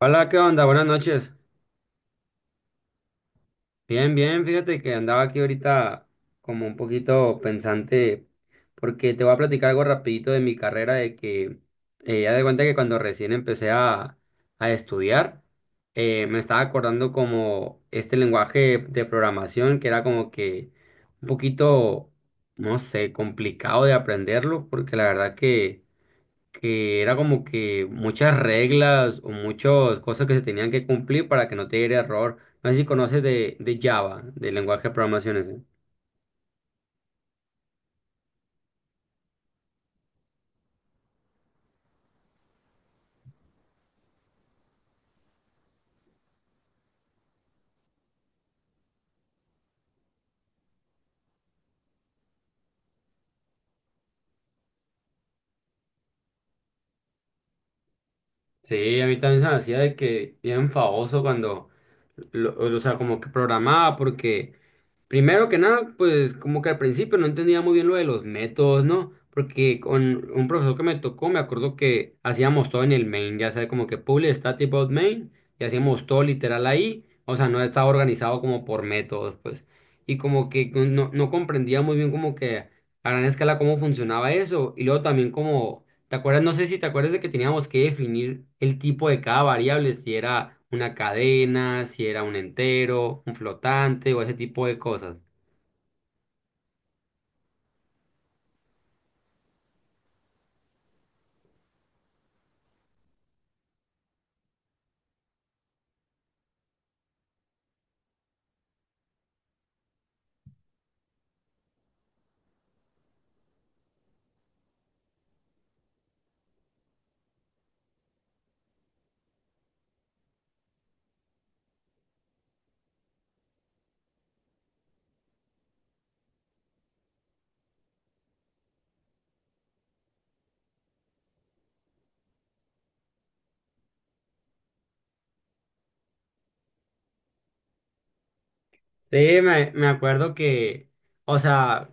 Hola, ¿qué onda? Buenas noches. Bien, bien, fíjate que andaba aquí ahorita como un poquito pensante porque te voy a platicar algo rapidito de mi carrera de que ya de cuenta que cuando recién empecé a estudiar. Me estaba acordando como este lenguaje de programación que era como que un poquito, no sé, complicado de aprenderlo porque la verdad que era como que muchas reglas o muchas cosas que se tenían que cumplir para que no te diera error. No sé si conoces de Java, del lenguaje de programación ese. Sí, a mí también se me hacía de que bien famoso cuando, o sea, como que programaba porque primero que nada, pues como que al principio no entendía muy bien lo de los métodos, ¿no? Porque con un profesor que me tocó, me acuerdo que hacíamos todo en el main, ya sabes, como que public static void main, y hacíamos todo literal ahí, o sea, no estaba organizado como por métodos, pues. Y como que no comprendía muy bien como que a gran escala cómo funcionaba eso, y luego también como, ¿te acuerdas? No sé si te acuerdas de que teníamos que definir el tipo de cada variable, si era una cadena, si era un entero, un flotante o ese tipo de cosas. Sí, me acuerdo que, o sea,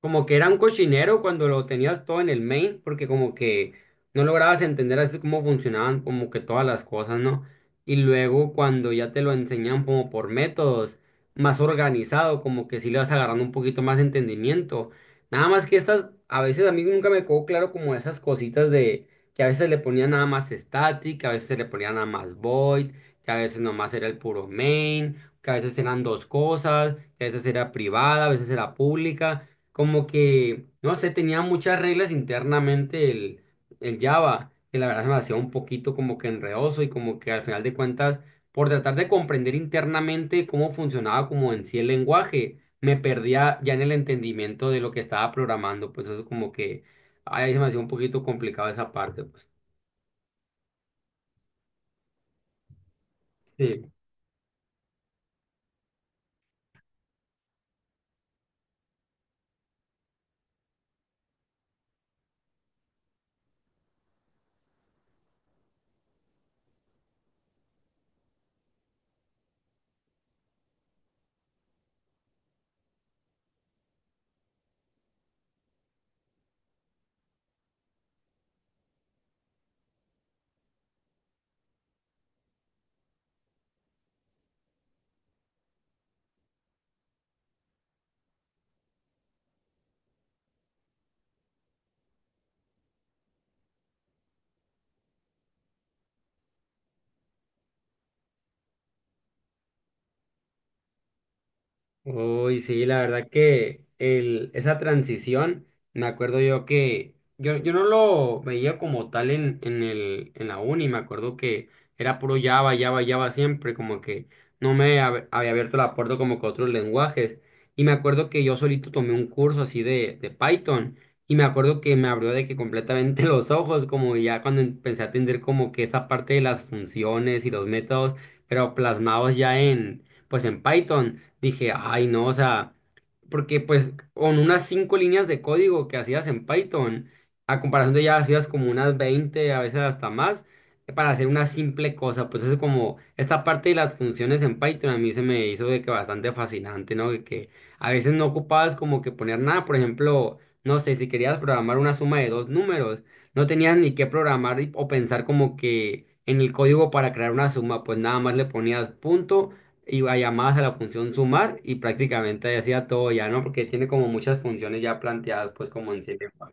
como que era un cochinero cuando lo tenías todo en el main, porque como que no lograbas entender así cómo funcionaban como que todas las cosas, ¿no? Y luego cuando ya te lo enseñan como por métodos más organizado, como que sí le vas agarrando un poquito más de entendimiento. Nada más que estas, a veces a mí nunca me quedó claro como esas cositas de que a veces le ponían nada más static, que a veces le ponían nada más void, que a veces nomás era el puro main, que a veces eran dos cosas, que a veces era privada, a veces era pública, como que, no sé, tenía muchas reglas internamente el Java, que la verdad se me hacía un poquito como que enredoso y como que al final de cuentas, por tratar de comprender internamente cómo funcionaba como en sí el lenguaje, me perdía ya en el entendimiento de lo que estaba programando, pues eso como que, ay, se me hacía un poquito complicado esa parte, pues. Sí. Uy, sí, la verdad que el, esa transición, me acuerdo yo que yo no lo veía como tal en la uni, me acuerdo que era puro Java, Java, Java siempre, como que no había abierto la puerta como que a otros lenguajes. Y me acuerdo que yo solito tomé un curso así de Python y me acuerdo que me abrió de que completamente los ojos, como ya cuando empecé a entender como que esa parte de las funciones y los métodos, pero plasmados ya en, pues en Python. Dije, ay, no, o sea, porque pues con unas 5 líneas de código que hacías en Python, a comparación de ya hacías como unas 20 a veces hasta más, para hacer una simple cosa, pues es como esta parte de las funciones en Python a mí se me hizo de que bastante fascinante, ¿no? De que a veces no ocupabas como que poner nada, por ejemplo, no sé, si querías programar una suma de 2 números, no tenías ni que programar o pensar como que en el código para crear una suma, pues nada más le ponías punto, iba llamadas a la función sumar y prácticamente hacía todo ya, ¿no? Porque tiene como muchas funciones ya planteadas, pues como en sí mismo.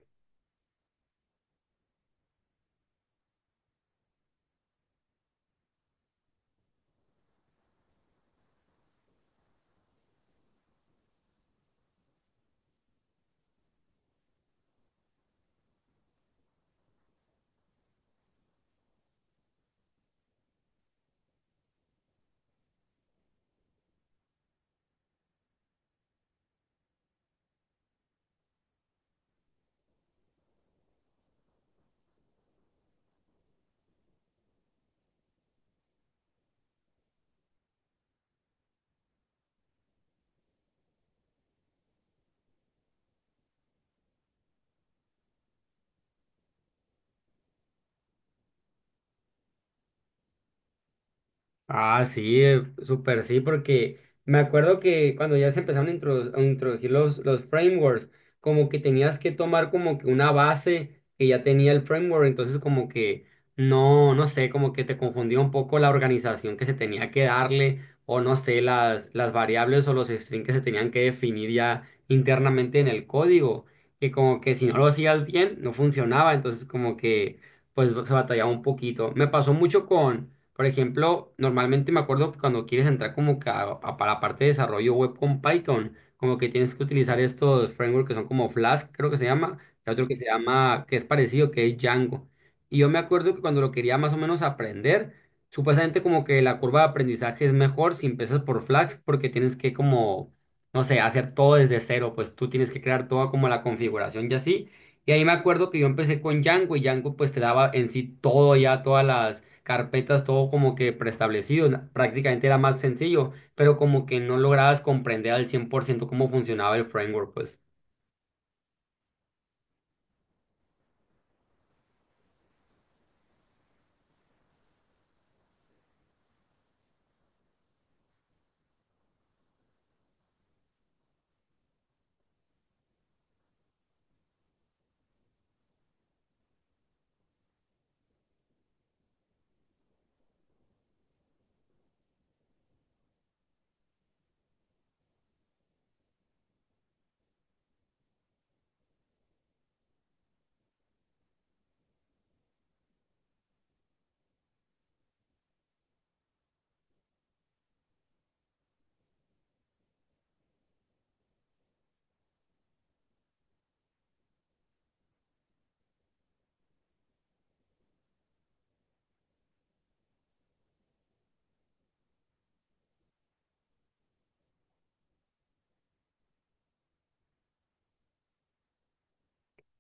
Ah, sí, súper sí, porque me acuerdo que cuando ya se empezaron a introducir los frameworks, como que tenías que tomar como que una base que ya tenía el framework, entonces como que no sé, como que te confundía un poco la organización que se tenía que darle, o no sé, las variables o los strings que se tenían que definir ya internamente en el código, que como que si no lo hacías bien, no funcionaba, entonces como que pues se batallaba un poquito. Me pasó mucho con, por ejemplo, normalmente me acuerdo que cuando quieres entrar como que para la parte de desarrollo web con Python, como que tienes que utilizar estos frameworks que son como Flask, creo que se llama, y otro que se llama, que es parecido, que es Django. Y yo me acuerdo que cuando lo quería más o menos aprender, supuestamente como que la curva de aprendizaje es mejor si empiezas por Flask, porque tienes que como, no sé, hacer todo desde cero, pues tú tienes que crear toda como la configuración y así. Y ahí me acuerdo que yo empecé con Django y Django pues te daba en sí todo ya, todas las carpetas, todo como que preestablecido, prácticamente era más sencillo, pero como que no lograbas comprender al 100 por ciento cómo funcionaba el framework, pues.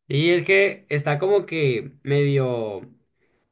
Y es que está como que medio...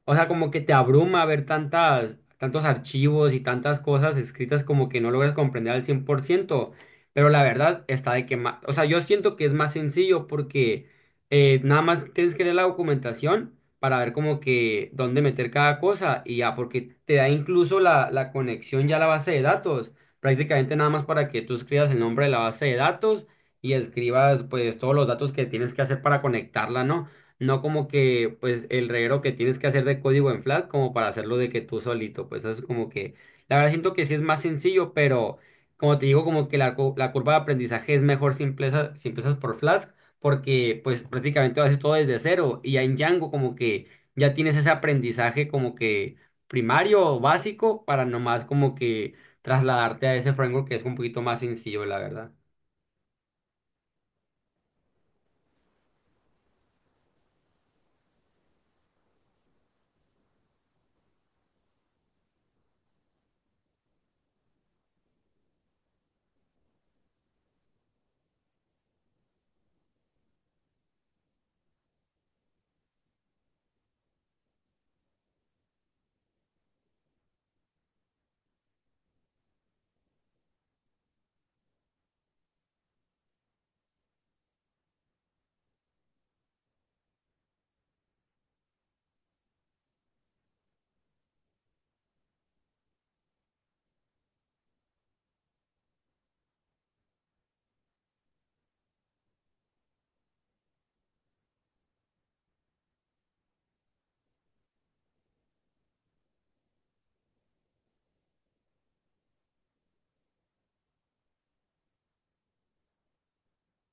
O sea, como que te abruma ver tantos archivos y tantas cosas escritas como que no logras comprender al 100%. Pero la verdad está de que más, o sea, yo siento que es más sencillo porque nada más tienes que leer la documentación para ver como que dónde meter cada cosa y ya, porque te da incluso la conexión ya a la base de datos, prácticamente nada más para que tú escribas el nombre de la base de datos y escribas pues todos los datos que tienes que hacer para conectarla, ¿no? No como que, pues, el reguero que tienes que hacer de código en Flask como para hacerlo de que tú solito, pues, eso es como que, la verdad siento que sí es más sencillo, pero como te digo, como que la, la curva de aprendizaje es mejor si empiezas, si empiezas por Flask, porque, pues, prácticamente lo haces todo desde cero, y ya en Django como que ya tienes ese aprendizaje como que primario o básico para nomás como que trasladarte a ese framework que es un poquito más sencillo, la verdad.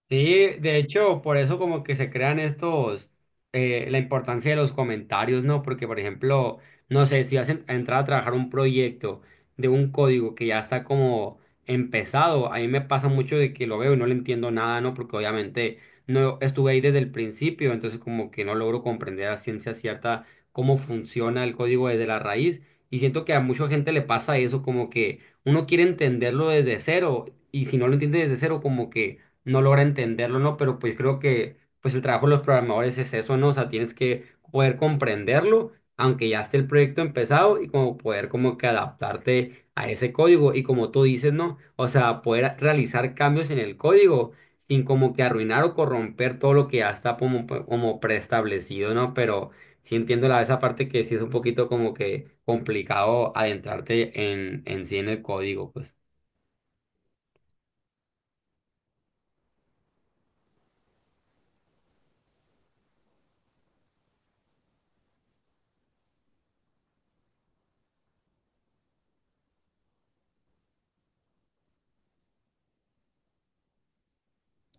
Sí, de hecho, por eso como que se crean estos, la importancia de los comentarios, ¿no? Porque, por ejemplo, no sé, si vas a a entrar a trabajar un proyecto de un código que ya está como empezado, a mí me pasa mucho de que lo veo y no le entiendo nada, ¿no? Porque obviamente no estuve ahí desde el principio, entonces como que no logro comprender a ciencia cierta cómo funciona el código desde la raíz. Y siento que a mucha gente le pasa eso, como que uno quiere entenderlo desde cero, y si no lo entiende desde cero, como que no logra entenderlo, ¿no? Pero pues creo que pues el trabajo de los programadores es eso, ¿no? O sea, tienes que poder comprenderlo, aunque ya esté el proyecto empezado, y como poder como que adaptarte a ese código. Y como tú dices, ¿no? O sea, poder realizar cambios en el código sin como que arruinar o corromper todo lo que ya está como, como preestablecido, ¿no? Pero sí entiendo la, esa parte que sí es un poquito como que complicado adentrarte en sí en el código, pues.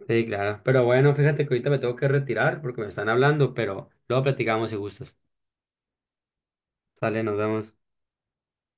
Sí, claro. Pero bueno, fíjate que ahorita me tengo que retirar porque me están hablando, pero luego platicamos si gustas. Sale, nos vemos.